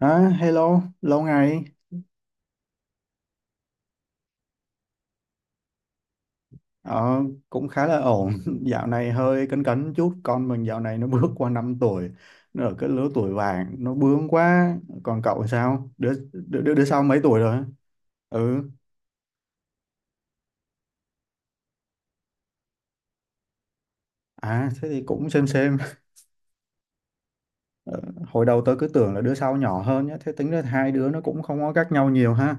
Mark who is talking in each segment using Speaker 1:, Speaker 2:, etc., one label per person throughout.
Speaker 1: À, hello, lâu ngày. Ờ, cũng khá là ổn. Dạo này hơi cấn cấn chút. Con mình dạo này nó bước qua 5 tuổi. Nó ở cái lứa tuổi vàng. Nó bướng quá. Còn cậu sao? Đứa sau mấy tuổi rồi? Ừ. À, thế thì cũng xem xem. Ờ, hồi đầu tớ cứ tưởng là đứa sau nhỏ hơn nhá. Thế tính ra hai đứa nó cũng không có cách nhau nhiều ha.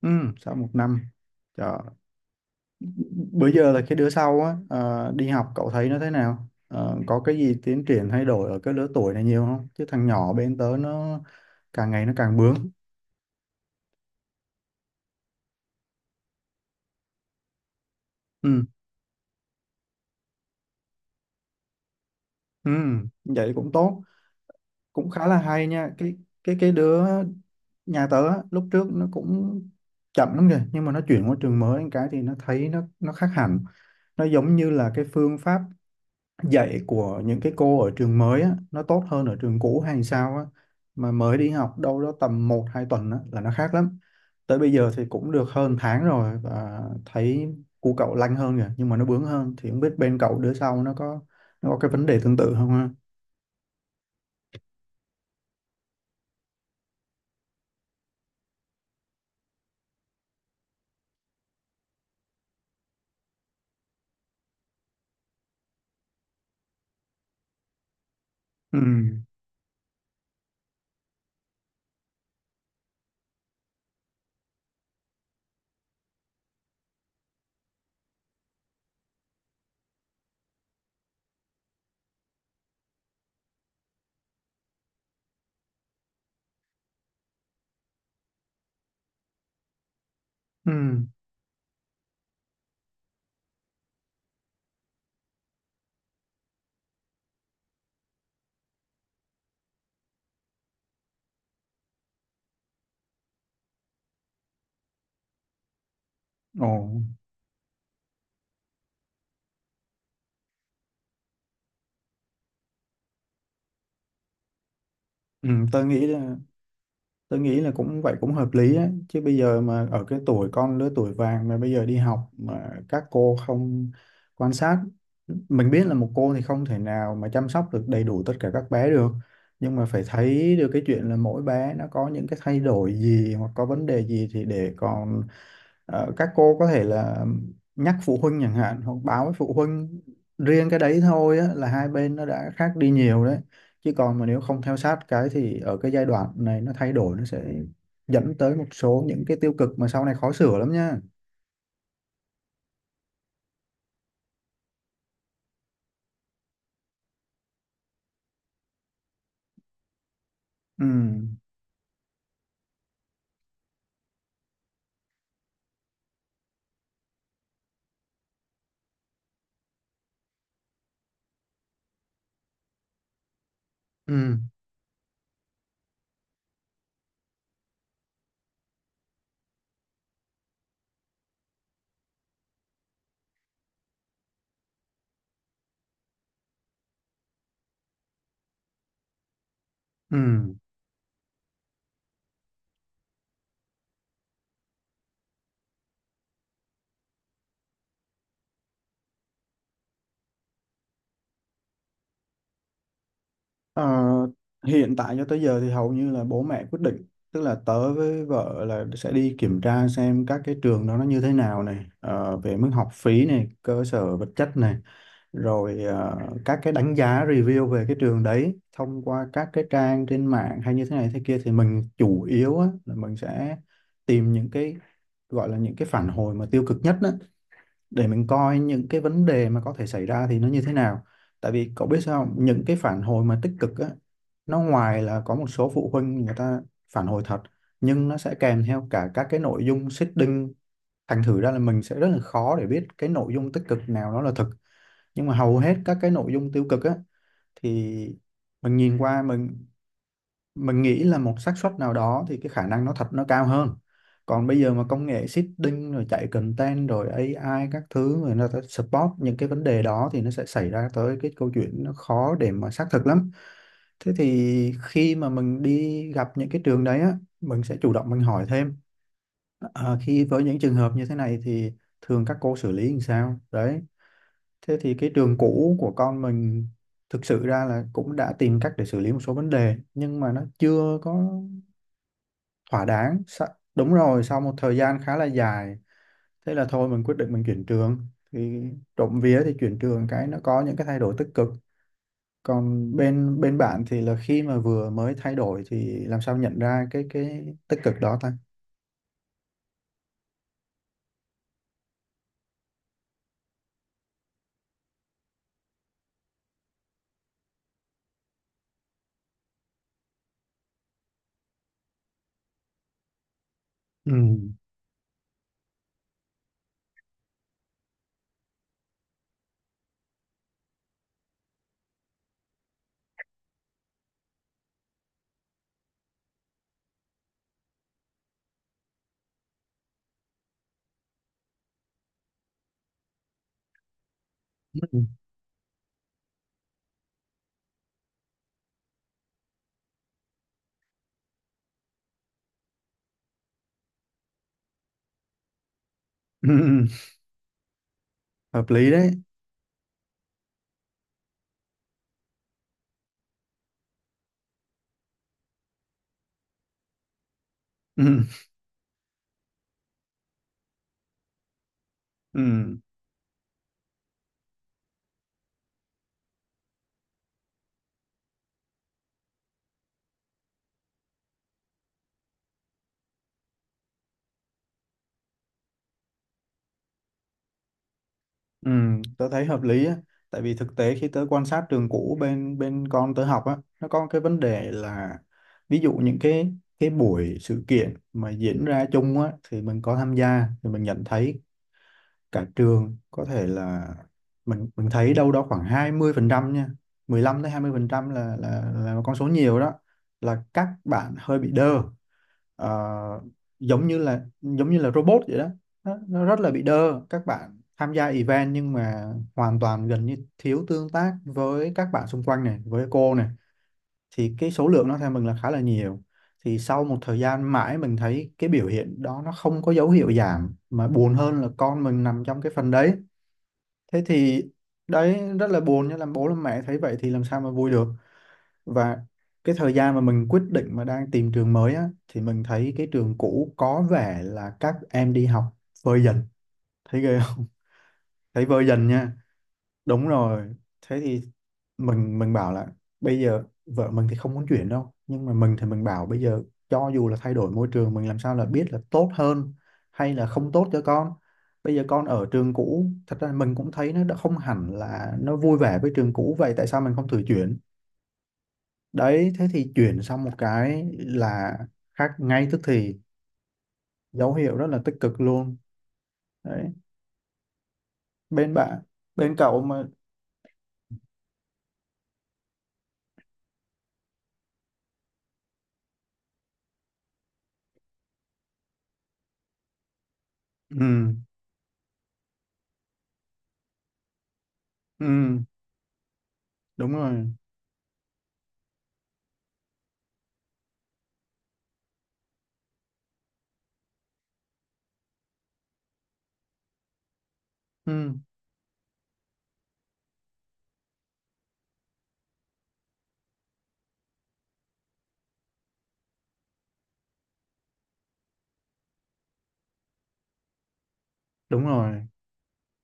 Speaker 1: Ừ, sau một năm. Trời. Bữa giờ là cái đứa sau á, đi học cậu thấy nó thế nào? Ờ, có cái gì tiến triển thay đổi ở cái lứa tuổi này nhiều không, chứ thằng nhỏ bên tớ nó càng ngày nó càng bướng. Ừ. Ừ. Vậy cũng tốt. Cũng khá là hay nha. Cái đứa nhà tớ á, lúc trước nó cũng chậm lắm kìa, nhưng mà nó chuyển qua trường mới cái thì nó thấy nó khác hẳn. Nó giống như là cái phương pháp dạy của những cái cô ở trường mới á, nó tốt hơn ở trường cũ hay sao á. Mà mới đi học đâu đó tầm một 2 tuần á, là nó khác lắm. Tới bây giờ thì cũng được hơn tháng rồi và thấy cu cậu lanh hơn rồi, nhưng mà nó bướng hơn. Thì không biết bên cậu đứa sau nó có cái vấn đề tương tự không ha. Ừ. Ừ. Ồ. Ừ, Tôi nghĩ là cũng vậy, cũng hợp lý á. Chứ bây giờ mà ở cái tuổi con, lứa tuổi vàng, mà bây giờ đi học mà các cô không quan sát, mình biết là một cô thì không thể nào mà chăm sóc được đầy đủ tất cả các bé được, nhưng mà phải thấy được cái chuyện là mỗi bé nó có những cái thay đổi gì hoặc có vấn đề gì thì để còn các cô có thể là nhắc phụ huynh chẳng hạn, hoặc báo với phụ huynh. Riêng cái đấy thôi á, là hai bên nó đã khác đi nhiều đấy. Chứ còn mà nếu không theo sát cái thì ở cái giai đoạn này nó thay đổi, nó sẽ dẫn tới một số những cái tiêu cực mà sau này khó sửa lắm nha. ừ ừ ừ Ờ, hiện tại cho tới giờ thì hầu như là bố mẹ quyết định, tức là tớ với vợ là sẽ đi kiểm tra xem các cái trường đó nó như thế nào này, về mức học phí này, cơ sở vật chất này, rồi các cái đánh giá review về cái trường đấy thông qua các cái trang trên mạng hay như thế này thế kia. Thì mình chủ yếu á, là mình sẽ tìm những cái gọi là những cái phản hồi mà tiêu cực nhất á, để mình coi những cái vấn đề mà có thể xảy ra thì nó như thế nào. Tại vì cậu biết sao không? Những cái phản hồi mà tích cực á, nó ngoài là có một số phụ huynh người ta phản hồi thật, nhưng nó sẽ kèm theo cả các cái nội dung seeding đinh. Thành thử ra là mình sẽ rất là khó để biết cái nội dung tích cực nào nó là thực. Nhưng mà hầu hết các cái nội dung tiêu cực á, thì mình nhìn qua, mình nghĩ là một xác suất nào đó thì cái khả năng nó thật nó cao hơn. Còn bây giờ mà công nghệ seeding rồi chạy content rồi AI các thứ, rồi nó sẽ support những cái vấn đề đó, thì nó sẽ xảy ra tới cái câu chuyện nó khó để mà xác thực lắm. Thế thì khi mà mình đi gặp những cái trường đấy á, mình sẽ chủ động mình hỏi thêm. Khi với những trường hợp như thế này thì thường các cô xử lý làm sao đấy. Thế thì cái trường cũ của con mình, thực sự ra là cũng đã tìm cách để xử lý một số vấn đề, nhưng mà nó chưa có thỏa đáng. Sa- đúng rồi, sau một thời gian khá là dài, thế là thôi mình quyết định mình chuyển trường. Thì trộm vía thì chuyển trường cái nó có những cái thay đổi tích cực. Còn bên bên bạn thì là khi mà vừa mới thay đổi thì làm sao nhận ra cái tích cực đó ta. Ừ. Hợp lý đấy. Ừ. Ừ. Ừ, tớ thấy hợp lý á, tại vì thực tế khi tớ quan sát trường cũ bên bên con tớ học á, nó có cái vấn đề là ví dụ những cái buổi sự kiện mà diễn ra chung á, thì mình có tham gia thì mình nhận thấy cả trường có thể là mình thấy đâu đó khoảng 20% nha, 15 tới 20% là một con số nhiều đó, là các bạn hơi bị đơ. Ờ, giống như là robot vậy đó. Nó rất là bị đơ, các bạn tham gia event nhưng mà hoàn toàn gần như thiếu tương tác với các bạn xung quanh này, với cô này. Thì cái số lượng nó theo mình là khá là nhiều. Thì sau một thời gian mãi mình thấy cái biểu hiện đó nó không có dấu hiệu giảm, mà buồn hơn là con mình nằm trong cái phần đấy. Thế thì đấy, rất là buồn, nhưng làm bố làm mẹ thấy vậy thì làm sao mà vui được. Và cái thời gian mà mình quyết định mà đang tìm trường mới á, thì mình thấy cái trường cũ có vẻ là các em đi học vơi dần. Thấy ghê không? Thấy vơi dần nha. Đúng rồi. Thế thì mình bảo là bây giờ vợ mình thì không muốn chuyển đâu, nhưng mà mình thì mình bảo bây giờ cho dù là thay đổi môi trường, mình làm sao là biết là tốt hơn hay là không tốt cho con. Bây giờ con ở trường cũ thật ra mình cũng thấy nó đã không hẳn là nó vui vẻ với trường cũ, vậy tại sao mình không thử chuyển? Đấy, thế thì chuyển sang một cái là khác ngay tức thì, dấu hiệu rất là tích cực luôn. Đấy, bên bạn, bên cậu mà. Ừ. Ừ. Đúng rồi. Ừ. Đúng rồi.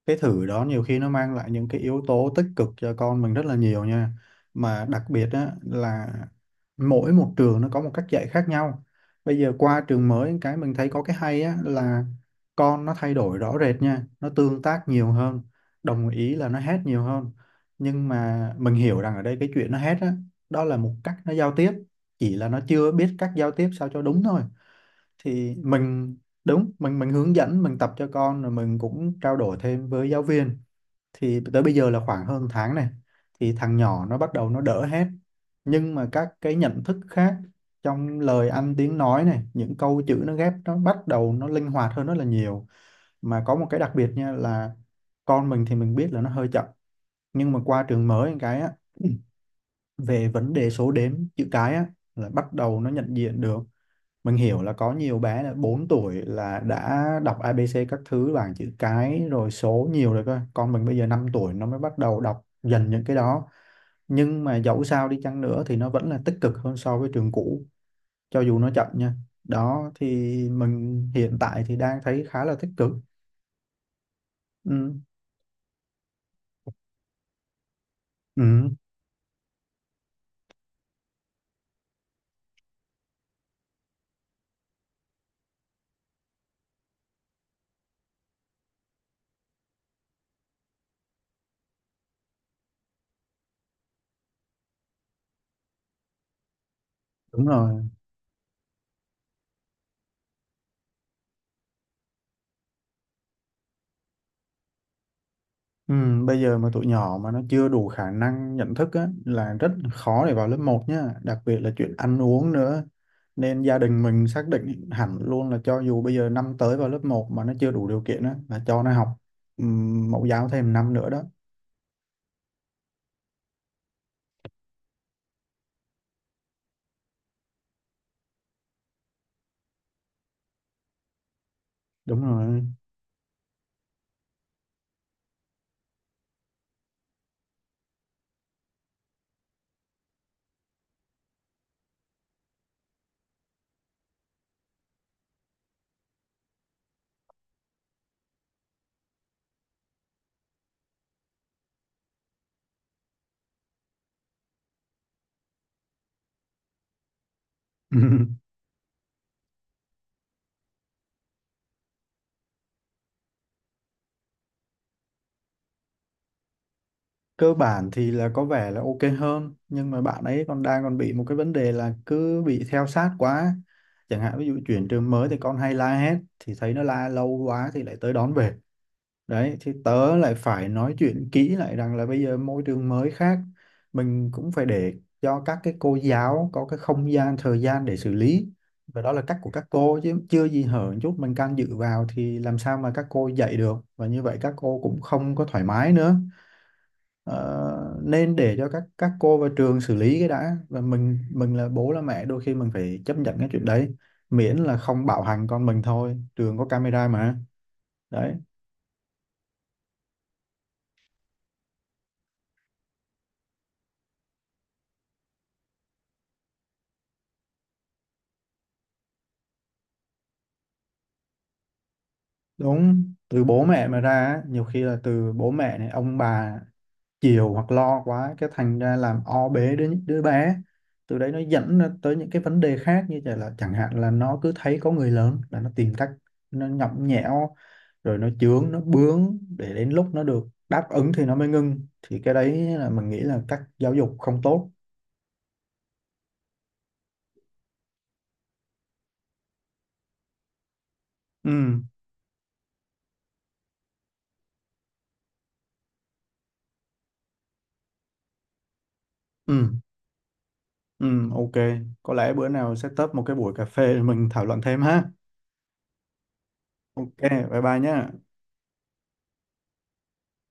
Speaker 1: Cái thử đó nhiều khi nó mang lại những cái yếu tố tích cực cho con mình rất là nhiều nha. Mà đặc biệt á, là mỗi một trường nó có một cách dạy khác nhau. Bây giờ qua trường mới cái mình thấy có cái hay á, là con nó thay đổi rõ rệt nha, nó tương tác nhiều hơn. Đồng ý là nó hét nhiều hơn, nhưng mà mình hiểu rằng ở đây cái chuyện nó hét á, đó là một cách nó giao tiếp, chỉ là nó chưa biết cách giao tiếp sao cho đúng thôi. Thì mình đúng, mình hướng dẫn, mình tập cho con, rồi mình cũng trao đổi thêm với giáo viên. Thì tới bây giờ là khoảng hơn tháng này thì thằng nhỏ nó bắt đầu nó đỡ hết nhưng mà các cái nhận thức khác trong lời ăn tiếng nói này, những câu chữ nó ghép, nó bắt đầu nó linh hoạt hơn rất là nhiều. Mà có một cái đặc biệt nha, là con mình thì mình biết là nó hơi chậm, nhưng mà qua trường mới một cái á, về vấn đề số đếm, chữ cái á, là bắt đầu nó nhận diện được. Mình hiểu là có nhiều bé là 4 tuổi là đã đọc ABC các thứ, bảng chữ cái rồi, số nhiều rồi cơ. Con mình bây giờ 5 tuổi nó mới bắt đầu đọc dần những cái đó. Nhưng mà dẫu sao đi chăng nữa thì nó vẫn là tích cực hơn so với trường cũ, cho dù nó chậm nha. Đó thì mình hiện tại thì đang thấy khá là tích cực. Ừ, ừ, đúng rồi. Ừ, bây giờ mà tụi nhỏ mà nó chưa đủ khả năng nhận thức á, là rất khó để vào lớp một nhá, đặc biệt là chuyện ăn uống nữa. Nên gia đình mình xác định hẳn luôn là cho dù bây giờ năm tới vào lớp một mà nó chưa đủ điều kiện á, là cho nó học mẫu giáo thêm năm nữa đó. Đúng rồi. Cơ bản thì là có vẻ là ok hơn, nhưng mà bạn ấy còn đang còn bị một cái vấn đề là cứ bị theo sát quá. Chẳng hạn ví dụ chuyển trường mới thì con hay la hét, thì thấy nó la lâu quá thì lại tới đón về. Đấy, thì tớ lại phải nói chuyện kỹ lại rằng là bây giờ môi trường mới khác, mình cũng phải để cho các cái cô giáo có cái không gian, thời gian để xử lý. Và đó là cách của các cô, chứ chưa gì hở một chút mình can dự vào thì làm sao mà các cô dạy được, và như vậy các cô cũng không có thoải mái nữa. Ờ, nên để cho các cô và trường xử lý cái đã, và mình là bố là mẹ đôi khi mình phải chấp nhận cái chuyện đấy, miễn là không bạo hành con mình thôi, trường có camera mà. Đấy. Đúng, từ bố mẹ mà ra á, nhiều khi là từ bố mẹ này, ông bà chiều hoặc lo quá, cái thành ra làm o bế đứa đứa bé. Từ đấy nó dẫn nó tới những cái vấn đề khác như vậy, là chẳng hạn là nó cứ thấy có người lớn là nó tìm cách nó nhõng nhẽo, rồi nó chướng nó bướng, để đến lúc nó được đáp ứng thì nó mới ngưng. Thì cái đấy là mình nghĩ là cách giáo dục không tốt. Ừ. ừ ừ ok, có lẽ bữa nào sẽ tấp một cái buổi cà phê để mình thảo luận thêm ha. Ok, bye bye nhé.